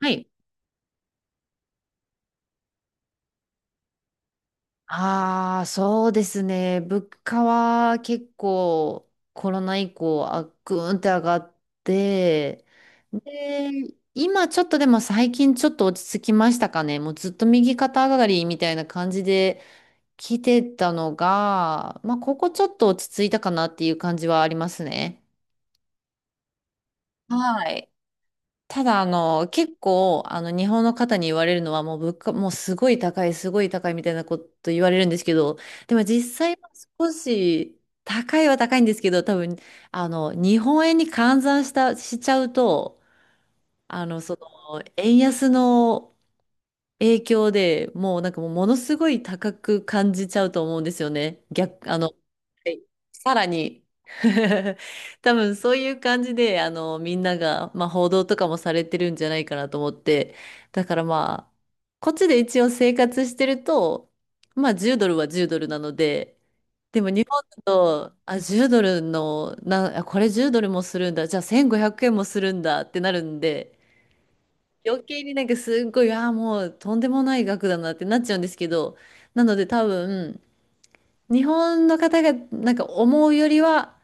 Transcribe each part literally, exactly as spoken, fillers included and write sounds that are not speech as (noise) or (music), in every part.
はい。ああ、そうですね。物価は結構コロナ以降、あ、ぐーんって上がって、で、今ちょっとでも最近ちょっと落ち着きましたかね。もうずっと右肩上がりみたいな感じで来てたのが、まあ、ここちょっと落ち着いたかなっていう感じはありますね。はい。ただ、あの、結構、あの、日本の方に言われるのは、もう物価、もうすごい高い、すごい高いみたいなこと言われるんですけど、でも実際は少し高いは高いんですけど、多分、あの、日本円に換算した、しちゃうと、あの、その、円安の影響でもうなんかもうものすごい高く感じちゃうと思うんですよね。逆、あの、さらに (laughs) 多分そういう感じで、あの、みんなが、まあ、報道とかもされてるんじゃないかなと思って、だからまあ、こっちで一応生活してると、まあ、じゅうドルはじゅうドルなので、でも日本だと、あ、じゅうドルの、な、あこれじゅうドルもするんだ、じゃあせんごひゃくえんもするんだってなるんで、余計になんかすっごい、ああ、もうとんでもない額だなってなっちゃうんですけど、なので多分、日本の方がなんか思うよりは、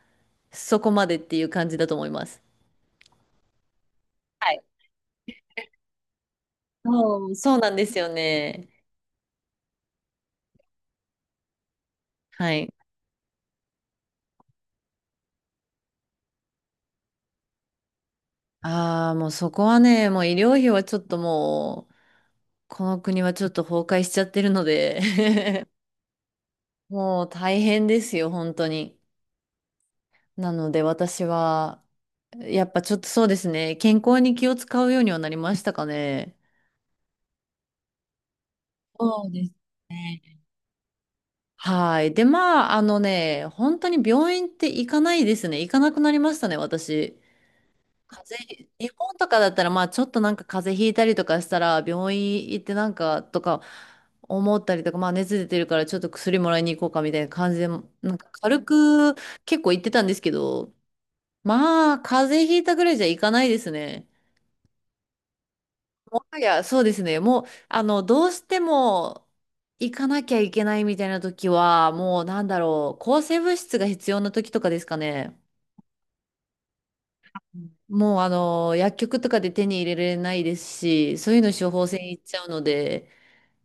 そこまでっていう感じだと思います。はい。うん、そうなんですよね。はい。ああ、もうそこはね、もう医療費はちょっともう、この国はちょっと崩壊しちゃってるので (laughs) もう大変ですよ、本当に。なので私は、やっぱちょっとそうですね、健康に気を使うようにはなりましたかね。そうですね。はい。で、まあ、あのね、本当に病院って行かないですね。行かなくなりましたね、私。風邪、日本とかだったら、まあちょっとなんか風邪ひいたりとかしたら、病院行ってなんかとか思ったりとか、まあ熱出てるからちょっと薬もらいに行こうかみたいな感じで、なんか軽く結構行ってたんですけど、まあ風邪ひいたぐらいじゃ行かないですね。もはや、そうですね。もう、あの、どうしても行かなきゃいけないみたいな時は、もうなんだろう、抗生物質が必要な時とかですかね。もうあの、薬局とかで手に入れられないですし、そういうの処方箋いっちゃうので、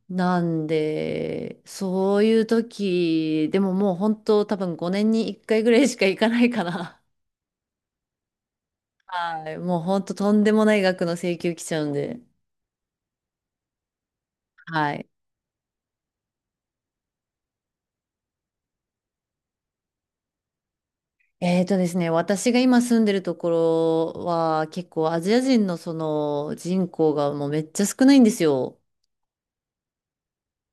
なんで、そういう時、でももう本当多分ごねんにいっかいぐらいしか行かないかな。(laughs) はい。もう本当とんでもない額の請求来ちゃうんで。はい。えーとですね、私が今住んでるところは結構アジア人のその人口がもうめっちゃ少ないんですよ。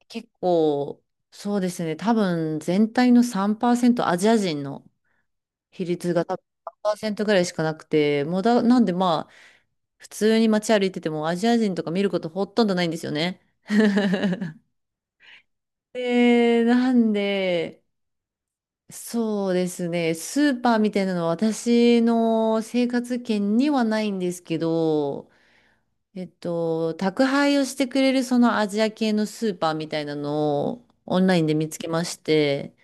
結構、そうですね、多分全体のさんパーセントアジア人の。比率が多分さんパーセントぐらいしかなくて、もうだ、なんでまあ、普通に街歩いててもアジア人とか見ることほとんどないんですよね。(laughs) で、なんで、そうですね、スーパーみたいなのは私の生活圏にはないんですけど、えっと、宅配をしてくれるそのアジア系のスーパーみたいなのをオンラインで見つけまして、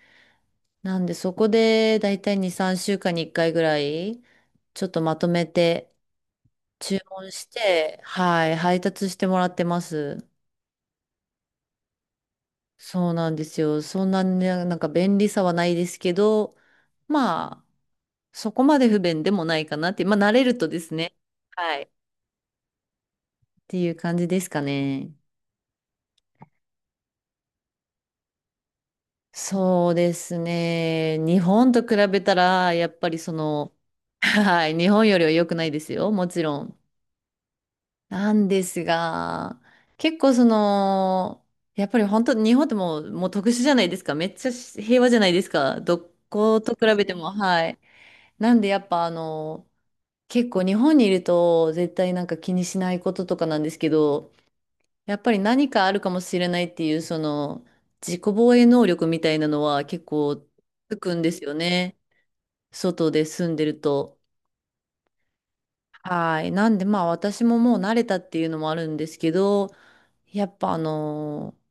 なんでそこでだいたいに、さんしゅうかんにいっかいぐらい、ちょっとまとめて、注文して、はい、配達してもらってます。そうなんですよ。そんなね、なんか便利さはないですけど、まあ、そこまで不便でもないかなって、まあ、慣れるとですね。はい。っていう感じですかね。そうですね。日本と比べたら、やっぱりその、はい、日本よりは良くないですよ。もちろん。なんですが、結構その、やっぱり本当、日本ってもう、もう特殊じゃないですか。めっちゃし平和じゃないですか。どこと比べても、はい。なんでやっぱあの、結構日本にいると絶対なんか気にしないこととかなんですけど、やっぱり何かあるかもしれないっていう、その、自己防衛能力みたいなのは結構つくんですよね。外で住んでると。はい。なんで、まあ私ももう慣れたっていうのもあるんですけど、やっぱあのー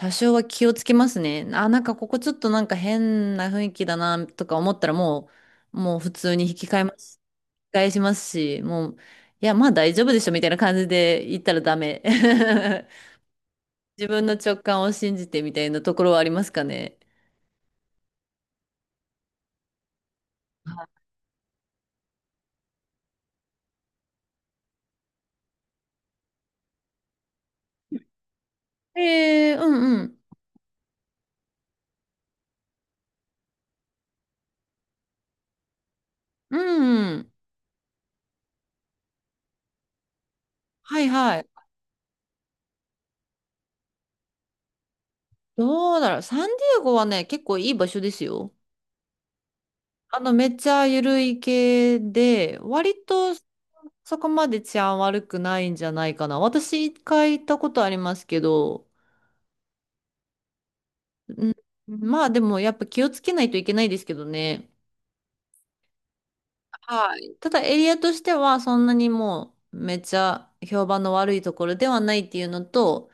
多少は気をつけますね。あ、なんかここちょっとなんか変な雰囲気だなとか思ったらもう、もう、普通に引き換えます、引き返しますし、もう、いや、まあ大丈夫でしょみたいな感じで言ったらダメ。(laughs) 自分の直感を信じてみたいなところはありますかね。えー、うんうん。うんうん。はいはい。どうだろう。サンディエゴはね、結構いい場所ですよ。あの、めっちゃ緩い系で、割とそこまで治安悪くないんじゃないかな。私一回行ったことありますけど、うん、まあでもやっぱ気をつけないといけないですけどね。はい。ただエリアとしてはそんなにもうめっちゃ評判の悪いところではないっていうのと、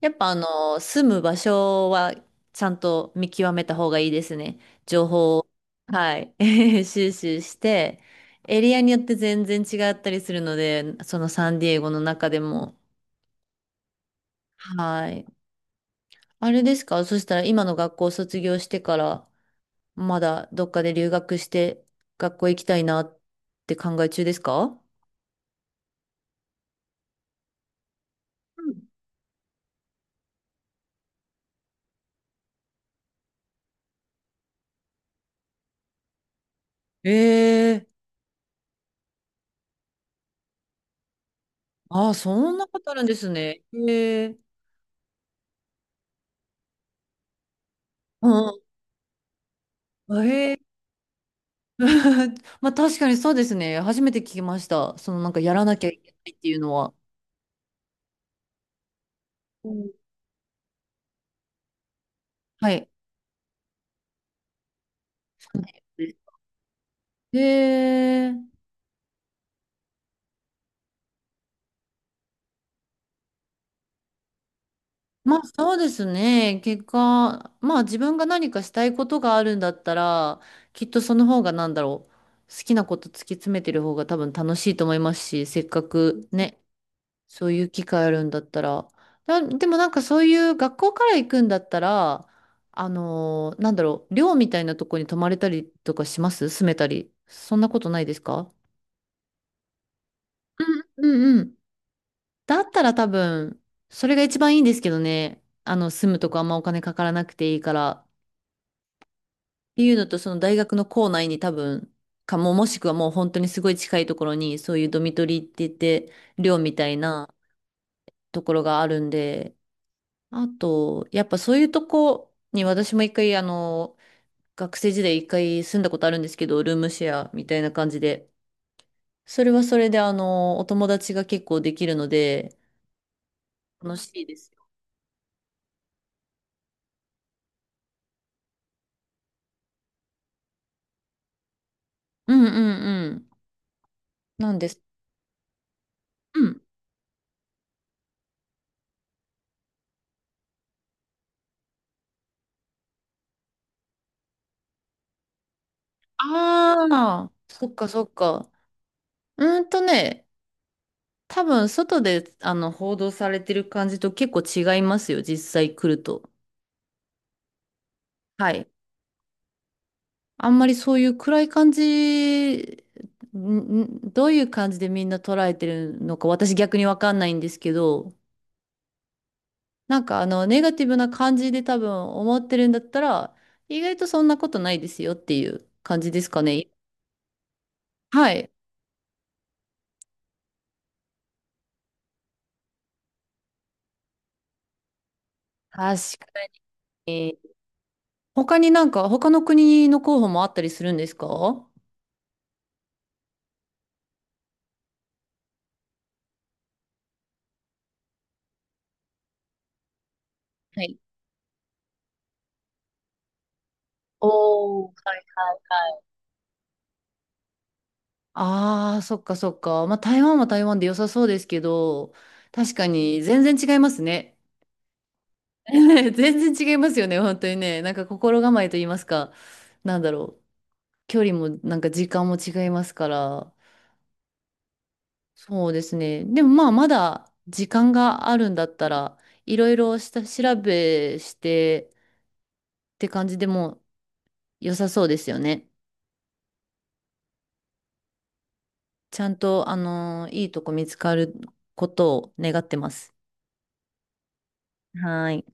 やっぱあの、住む場所はちゃんと見極めた方がいいですね。情報を、はい、(laughs) 収集して、エリアによって全然違ったりするので、そのサンディエゴの中でも。はい。あれですか？そしたら今の学校を卒業してから、まだどっかで留学して、学校行きたいなって考え中ですか？うん。ええー、ああ、そんなことあるんですね。ええ。うん。え？ (laughs) まあ確かにそうですね。初めて聞きました。そのなんかやらなきゃいけないっていうのは。うん。はい。へえ。まあそうですね。結果、まあ自分が何かしたいことがあるんだったら、きっとその方がなんだろう。好きなこと突き詰めてる方が多分楽しいと思いますし、せっかくね、そういう機会あるんだったら。な、でもなんかそういう学校から行くんだったら、あのーなんだろう、寮みたいなとこに泊まれたりとかします住めたり。そんなことないですか？うんうんうん。だったら多分、それが一番いいんですけどね。あの、住むとこあんまお金かからなくていいから。っていうのと、その大学の校内に多分、かも、もしくはもう本当にすごい近いところに、そういうドミトリーって言って、寮みたいなところがあるんで、あと、やっぱそういうとこに私も一回、あの、学生時代一回住んだことあるんですけど、ルームシェアみたいな感じで。それはそれで、あの、お友達が結構できるので、楽しいですよ。うんうんうん。なんです。うん。ああ、そっかそっか。うーんとね、多分外で、あの、報道されてる感じと結構違いますよ、実際来ると。はい。あんまりそういう暗い感じ、んんどういう感じでみんな捉えてるのか、私逆にわかんないんですけど、なんかあの、ネガティブな感じで多分思ってるんだったら、意外とそんなことないですよっていう感じですかね。はい。確かに。他になんか、他の国の候補もあったりするんですか？はい。おー、はいはいはい。ああ、そっかそっか。まあ、台湾は台湾で良さそうですけど、確かに全然違いますね。(laughs) 全然違いますよね、本当にね。なんか心構えと言いますか、なんだろう、距離もなんか時間も違いますから、そうですね。でもまあ、まだ時間があるんだったら、いろいろした調べしてって感じでも良さそうですよね。ちゃんと、あのーいいとこ見つかることを願ってます。はーい。